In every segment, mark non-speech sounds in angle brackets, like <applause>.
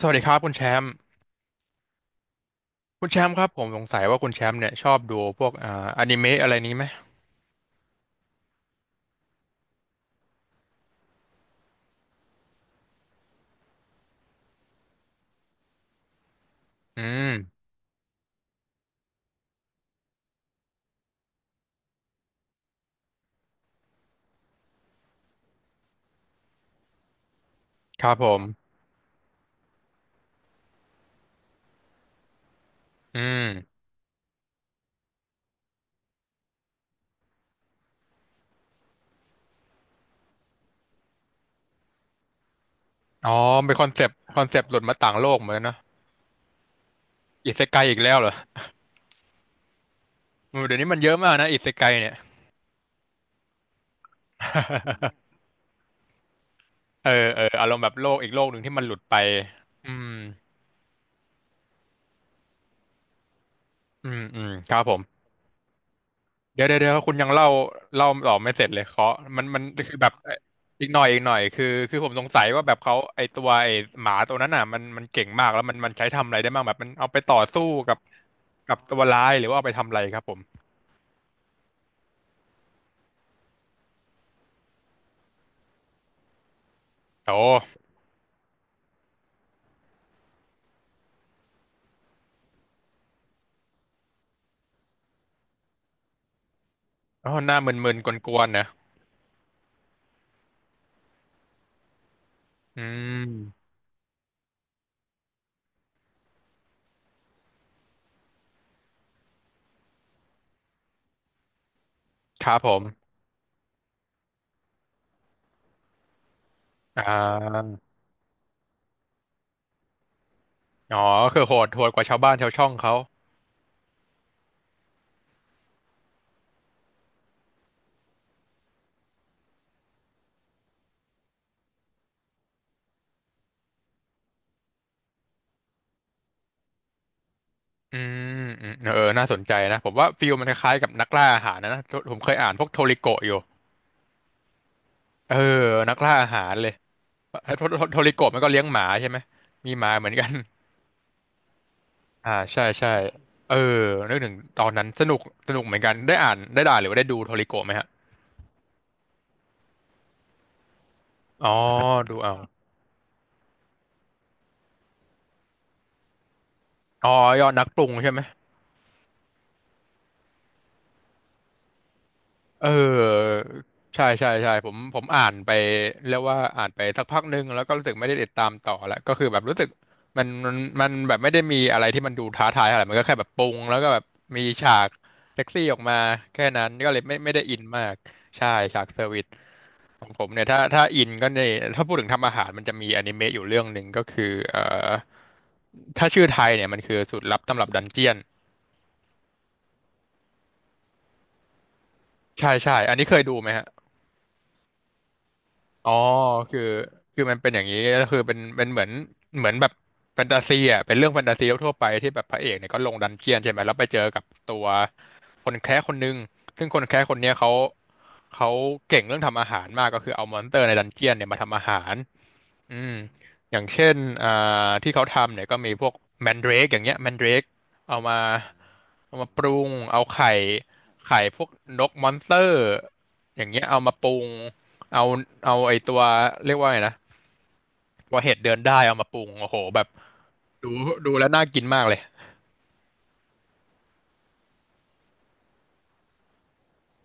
สวัสดีครับคุณแชมป์คุณแชมป์ครับผมสงสัยว่าคุณแชมป์เนี่ยชอบดูพวกอนิเมะอะไรนี้ไหมอืมครับผมอืมอ๋อเป็นคอนเซปต์คอนเซปต์หลุดมาต่างโลกเหมือนกันเนอะอิเซไกอีกแล้วเหรออืมเดี๋ยวนี้มันเยอะมากนะอิเซไกเนี่ย <laughs> เออเอออารมณ์แบบโลกอีกโลกหนึ่งที่มันหลุดไปอืมอืมอืมครับผม เดี๋ยวเดี๋ยวเดี๋ยวคุณยังเล่าเล่าต่อไม่เสร็จเลยเคาะมันมันคือแบบอีกหน่อยอีกหน่อยคือคือผมสงสัยว่าแบบเขาไอตัวไอหมาตัวนั้นน่ะมันมันเก่งมากแล้วมันมันใช้ทำอะไรได้บ้างแบบมันเอาไปต่อสู้กับกับตัวร้ายหรือว่าเอาไปทำอะไรครับผมโอ้โอ้หน้ามึนๆกวนๆนะอืมครับผมอ่าอ๋อคือโหดโหดกว่าชาวบ้านชาวช่องเขาอืมอืมเออน่าสนใจนะผมว่าฟิลมันคล้ายๆกับนักล่าอาหารนะนะผมเคยอ่านพวกโทริโกะอยู่เออนักล่าอาหารเลย ไอ้โทโทโทริโกะมันก็เลี้ยงหมาใช่ไหมมีหมาเหมือนกันอ่าใช่ใช่เออนึกถึงตอนนั้นสนุกสนุกเหมือนกันได้อ่านได้ด่านหรือว่าได้ดูโทริโกะไหมฮะอ๋อดูเอาอ๋อยอดนักปรุงใช่ไหมเออใช่ใช่ใช่ผมผมอ่านไปเรียกว่าอ่านไปสักพักหนึ่งแล้วก็รู้สึกไม่ได้ติดตามต่อแล้วก็คือแบบรู้สึกมันมันมันแบบไม่ได้มีอะไรที่มันดูท้าทายอะไรมันก็แค่แบบปรุงแล้วก็แบบมีฉากเซ็กซี่ออกมาแค่นั้นก็เลยไม่ไม่ได้อินมากใช่ฉากเซอร์วิส ของผมเนี่ยถ้าถ้าอินก็เนี่ยถ้าพูดถึงทำอาหารมันจะมีอนิเมะอยู่เรื่องหนึ่งก็คืออถ้าชื่อไทยเนี่ยมันคือสูตรลับตำรับดันเจียนใช่ใช่อันนี้เคยดูไหมฮะอ๋อคือคือมันเป็นอย่างนี้ก็คือเป็นเป็นเหมือนเหมือนแบบแฟนตาซีอ่ะเป็นเรื่องแฟนตาซีทั่วๆไปที่แบบพระเอกเนี่ยก็ลงดันเจียนใช่ไหมแล้วไปเจอกับตัวคนแคระคนหนึ่งซึ่งคนแคระคนเนี้ยเขาเขาเก่งเรื่องทำอาหารมากก็คือเอามอนสเตอร์ในดันเจียนเนี่ยมาทำอาหาร อืมอย่างเช่นอ่าที่เขาทำเนี่ยก็มีพวกแมนเดรกอย่างเงี้ยแมนเดรกเอามาเอามาปรุงเอาไข่ไข่พวกนกมอนสเตอร์อย่างเงี้ยเอามาปรุงเอาเอาไอตัวเรียกว่าไงนะตัวเห็ดเดินได้เอามาปรุงโอ้โหแบบดูดูแล้วน่ากินมากเลย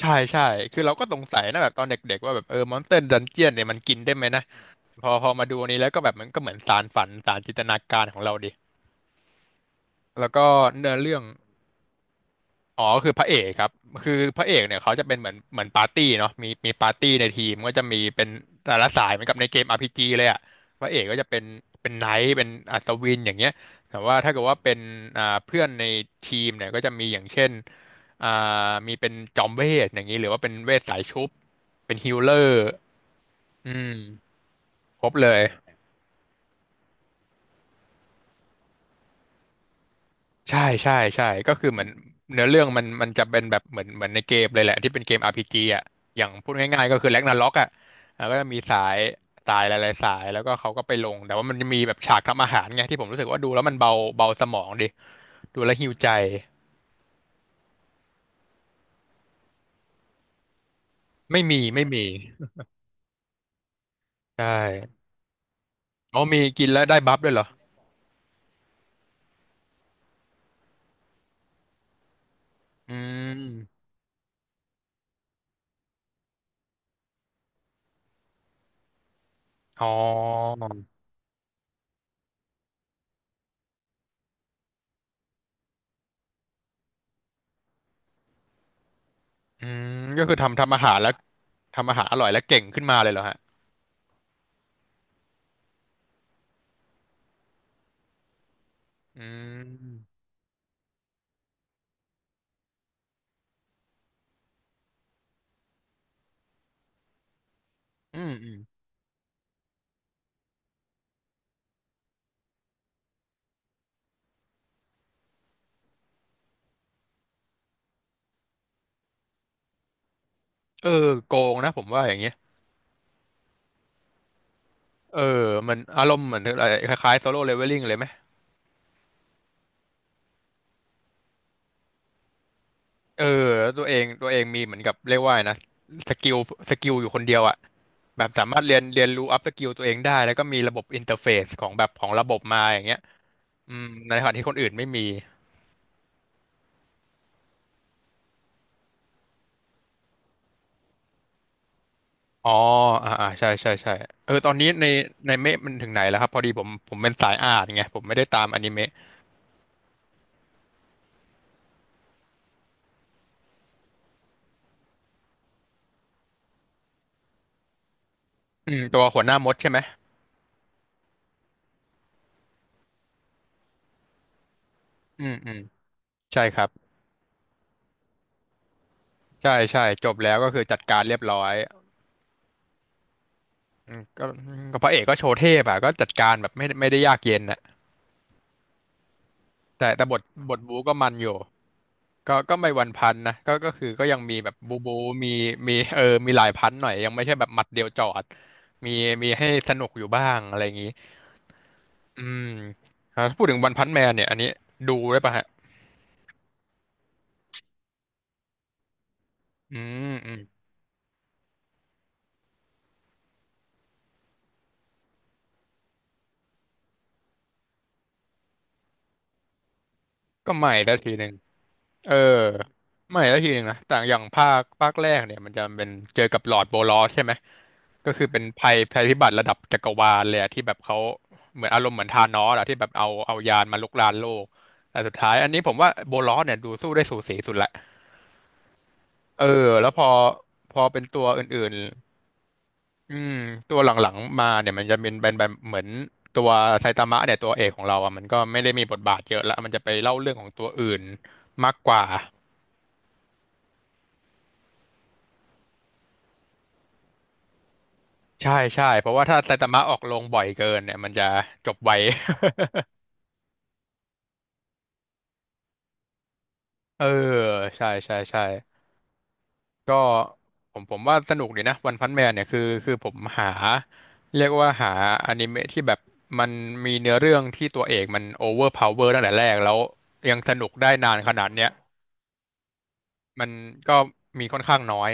ใช่ใช่คือเราก็สงสัยนะแบบตอนเด็กๆว่าแบบเออมอนสเตอร์ดันเจียนเนี่ยมันกินได้ไหมนะพอพอมาดูอันนี้แล้วก็แบบมันก็เหมือนสานฝันสานจินตนาการของเราดิแล้วก็เนื้อเรื่อง อ๋อคือพระเอกครับคือพระเอกเนี่ยเขาจะเป็นเหมือนเหมือนปาร์ตี้เนาะมีมีปาร์ตี้ในทีมก็จะมีเป็นแต่ละสายเหมือนกับในเกม RPG เลยอ่ะพระเอกก็จะเป็นเป็นไนท์เป็นอัศวินอย่างเงี้ยแต่ว่าถ้าเกิดว่าเป็นเพื่อนในทีมเนี่ยก็จะมีอย่างเช่นอ่ามีเป็นจอมเวทอย่างนี้หรือว่าเป็นเวทสายชุบเป็นฮีลเลอร์อืมครบเลย ใช่ ใช่ ใช่ ก็คือเหมือนเนื้อเรื่องมันมันจะเป็นแบบเหมือนเหมือนในเกมเลยแหละที่เป็นเกม RPG อ่ะ อย่างพูดง่ายๆก็คือแร็กนาร็อกอ่ะก็จะมีสายสายหลายๆสายแล้วก็เขาก็ไปลง แต่ว่ามันจะมีแบบฉากทำอาหารไงที่ผมรู้สึกว่าดูแล้วมันเบาเบาสมองดิ ดูแล้วหิวใจ ไม่มี ไม่มีใช่อ๋อมีกินแล้วได้บัฟด้วยเหรอ อืมอ๋ออืมก็คือทำทำอาหารแล้วทำอาหารอร่อยแล้วเก่งขึ้นมาเลยเหรอฮะอืมอืมอืมเออโกงนะผมว่าอย่างเงี้ย เออมันอารมณ์เหมือนอะไรคล้ายๆโซโล่เลเวลลิ่งเลยไหมเออแล้วตัวเองมีเหมือนกับเรียกว่าไงนะสกิลสกิลอยู่คนเดียวอะแบบสามารถเรียนรู้อัพสกิลตัวเองได้แล้วก็มีระบบอินเทอร์เฟซของระบบมาอย่างเงี้ยอืมในขณะที่คนอื่นไม่มีอ๋ออ่าอ่าใช่ใช่ใช่เออตอนนี้ในเมะมันถึงไหนแล้วครับพอดีผมเป็นสายอ่านไงผมไม่ได้ตามอนิเมะอืมตัวหัวหน้ามดใช่ไหมอืมอืมใช่ครับใช่ใช่จบแล้วก็คือจัดการเรียบร้อย อืมก็พระเอกก็โชว์เทพอ่ะก็จัดการแบบไม่ได้ยากเย็นน่ะแต่บทบูก็มันอยู่ก็ไม่วันพันนะก็คือก็ยังมีแบบบูบูมีมีเออมีหลายพันหน่อยยังไม่ใช่แบบหมัดเดียวจอดมีมีให้สนุกอยู่บ้างอะไรอย่างนี้อืมถ้าพูดถึงวันพันแมนเนี่ยอันนี้ดูได้ปะฮะอืมอืมก็ใหม่แล้วทีหนึ่ง เออไม่แล้วทีหนึ่งนะแต่อย่างภาคแรกเนี่ยมันจะเป็นเจอกับลอร์ดโบลอสใช่ไหมก็คือเป็นภัยพิบัติระดับจักรวาลเลยอะที่แบบเขาเหมือนอารมณ์เหมือนธานอสอะที่แบบเอายานมาลุกรานโลกแต่สุดท้ายอันนี้ผมว่าโบลอสเนี่ยดูสู้ได้สูสีสุดละเออแล้วพอเป็นตัวอื่นๆอืมตัวหลังๆมาเนี่ยมันจะเป็นแบบเหมือนตัวไซตามะเนี่ยตัวเอกของเราอ่ะมันก็ไม่ได้มีบทบาทเยอะละมันจะไปเล่าเรื่องของตัวอื่นมากกว่า ใช่ใช่เพราะว่าถ้าไซตามะออกลงบ่อยเกินเนี่ยมันจะจบไว <laughs> เออใช่ใช่ใช่ก็ผมว่าสนุกดีนะวันพันแมนเนี่ยคือผมหาเรียกว่าหาอนิเมะที่แบบมันมีเนื้อเรื่องที่ตัวเอกมันโอเวอร์พาวเวอร์ตั้งแต่แรกแล้วยังสนุกได้นานขนาดเนี้ยมันก็มีค่อนข้างน้อย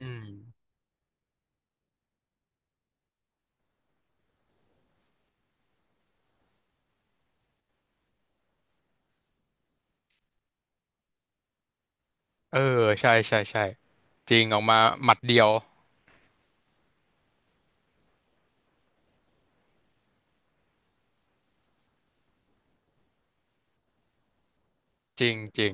อืมเออใช่ใช่ใช่จริงออกมาหมัดเดียวจริงจริง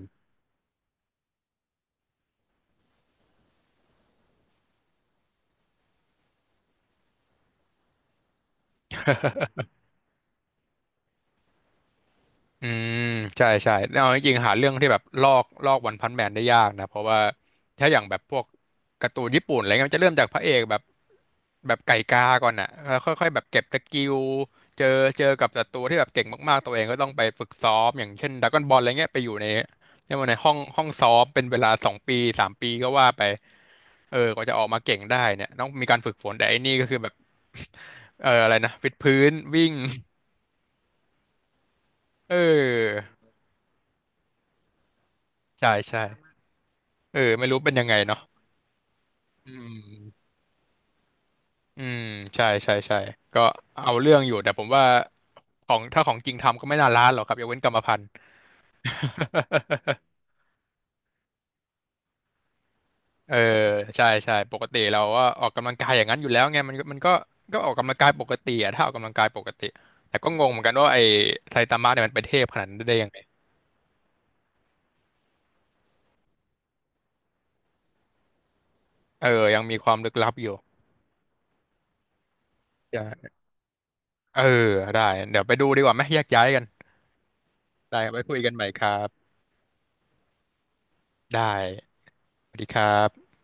อืมใช่ใช่เอาจริงๆหาเรื่องที่แบบลอกวันพันแมนได้ยากนะเพราะว่าถ้าอย่างแบบพวกการ์ตูนญี่ปุ่นอะไรเงี้ยมันจะเริ่มจากพระเอกแบบไก่กาก่อนอ่ะแล้วค่อยๆแบบเก็บสกิลเจอเจอกับศัตรูที่แบบเก่งมากๆตัวเองก็ต้องไปฝึกซ้อมอย่างเช่นดราก้อนบอลอะไรเงี้ยไปอยู่ในเรียกว่าในห้องซ้อมเป็นเวลา2 ปี3 ปีก็ว่าไปเออกว่าจะออกมาเก่งได้เนี่ยต้องมีการฝึกฝนแต่ไอ้นี่ก็คือแบบ <laughs> เอออะไรนะวิดพื้นวิ่งเออใช่ใช่ เออไม่รู้เป็นยังไงเนาะอืมอืมใช่ใช่ใช่ก็เอาเรื่องอยู่แต่ผมว่าของถ้าของจริงทำก็ไม่น่าล้านหรอกครับยกเว้นกรรมพันธุ์ <laughs> เออใช่ใช่ปกติเราก็ออกกำลังกายอย่างนั้นอยู่แล้วไงมันก็ออกกำลังกายปกติอะถ้าออกกำลังกายปกติแต่ก็งงเหมือนกันว่าไอ้ไซตามะเนี่ยมันเป็นเทพขนาดนั้นได้ยังไงเออยังมีความลึกลับอยู่ใช่เออได้เดี๋ยวไปดูดีกว่าไหมแยกย้ายกันได้ไว้คุยกันใหม่ครับได้สวัสดีครับ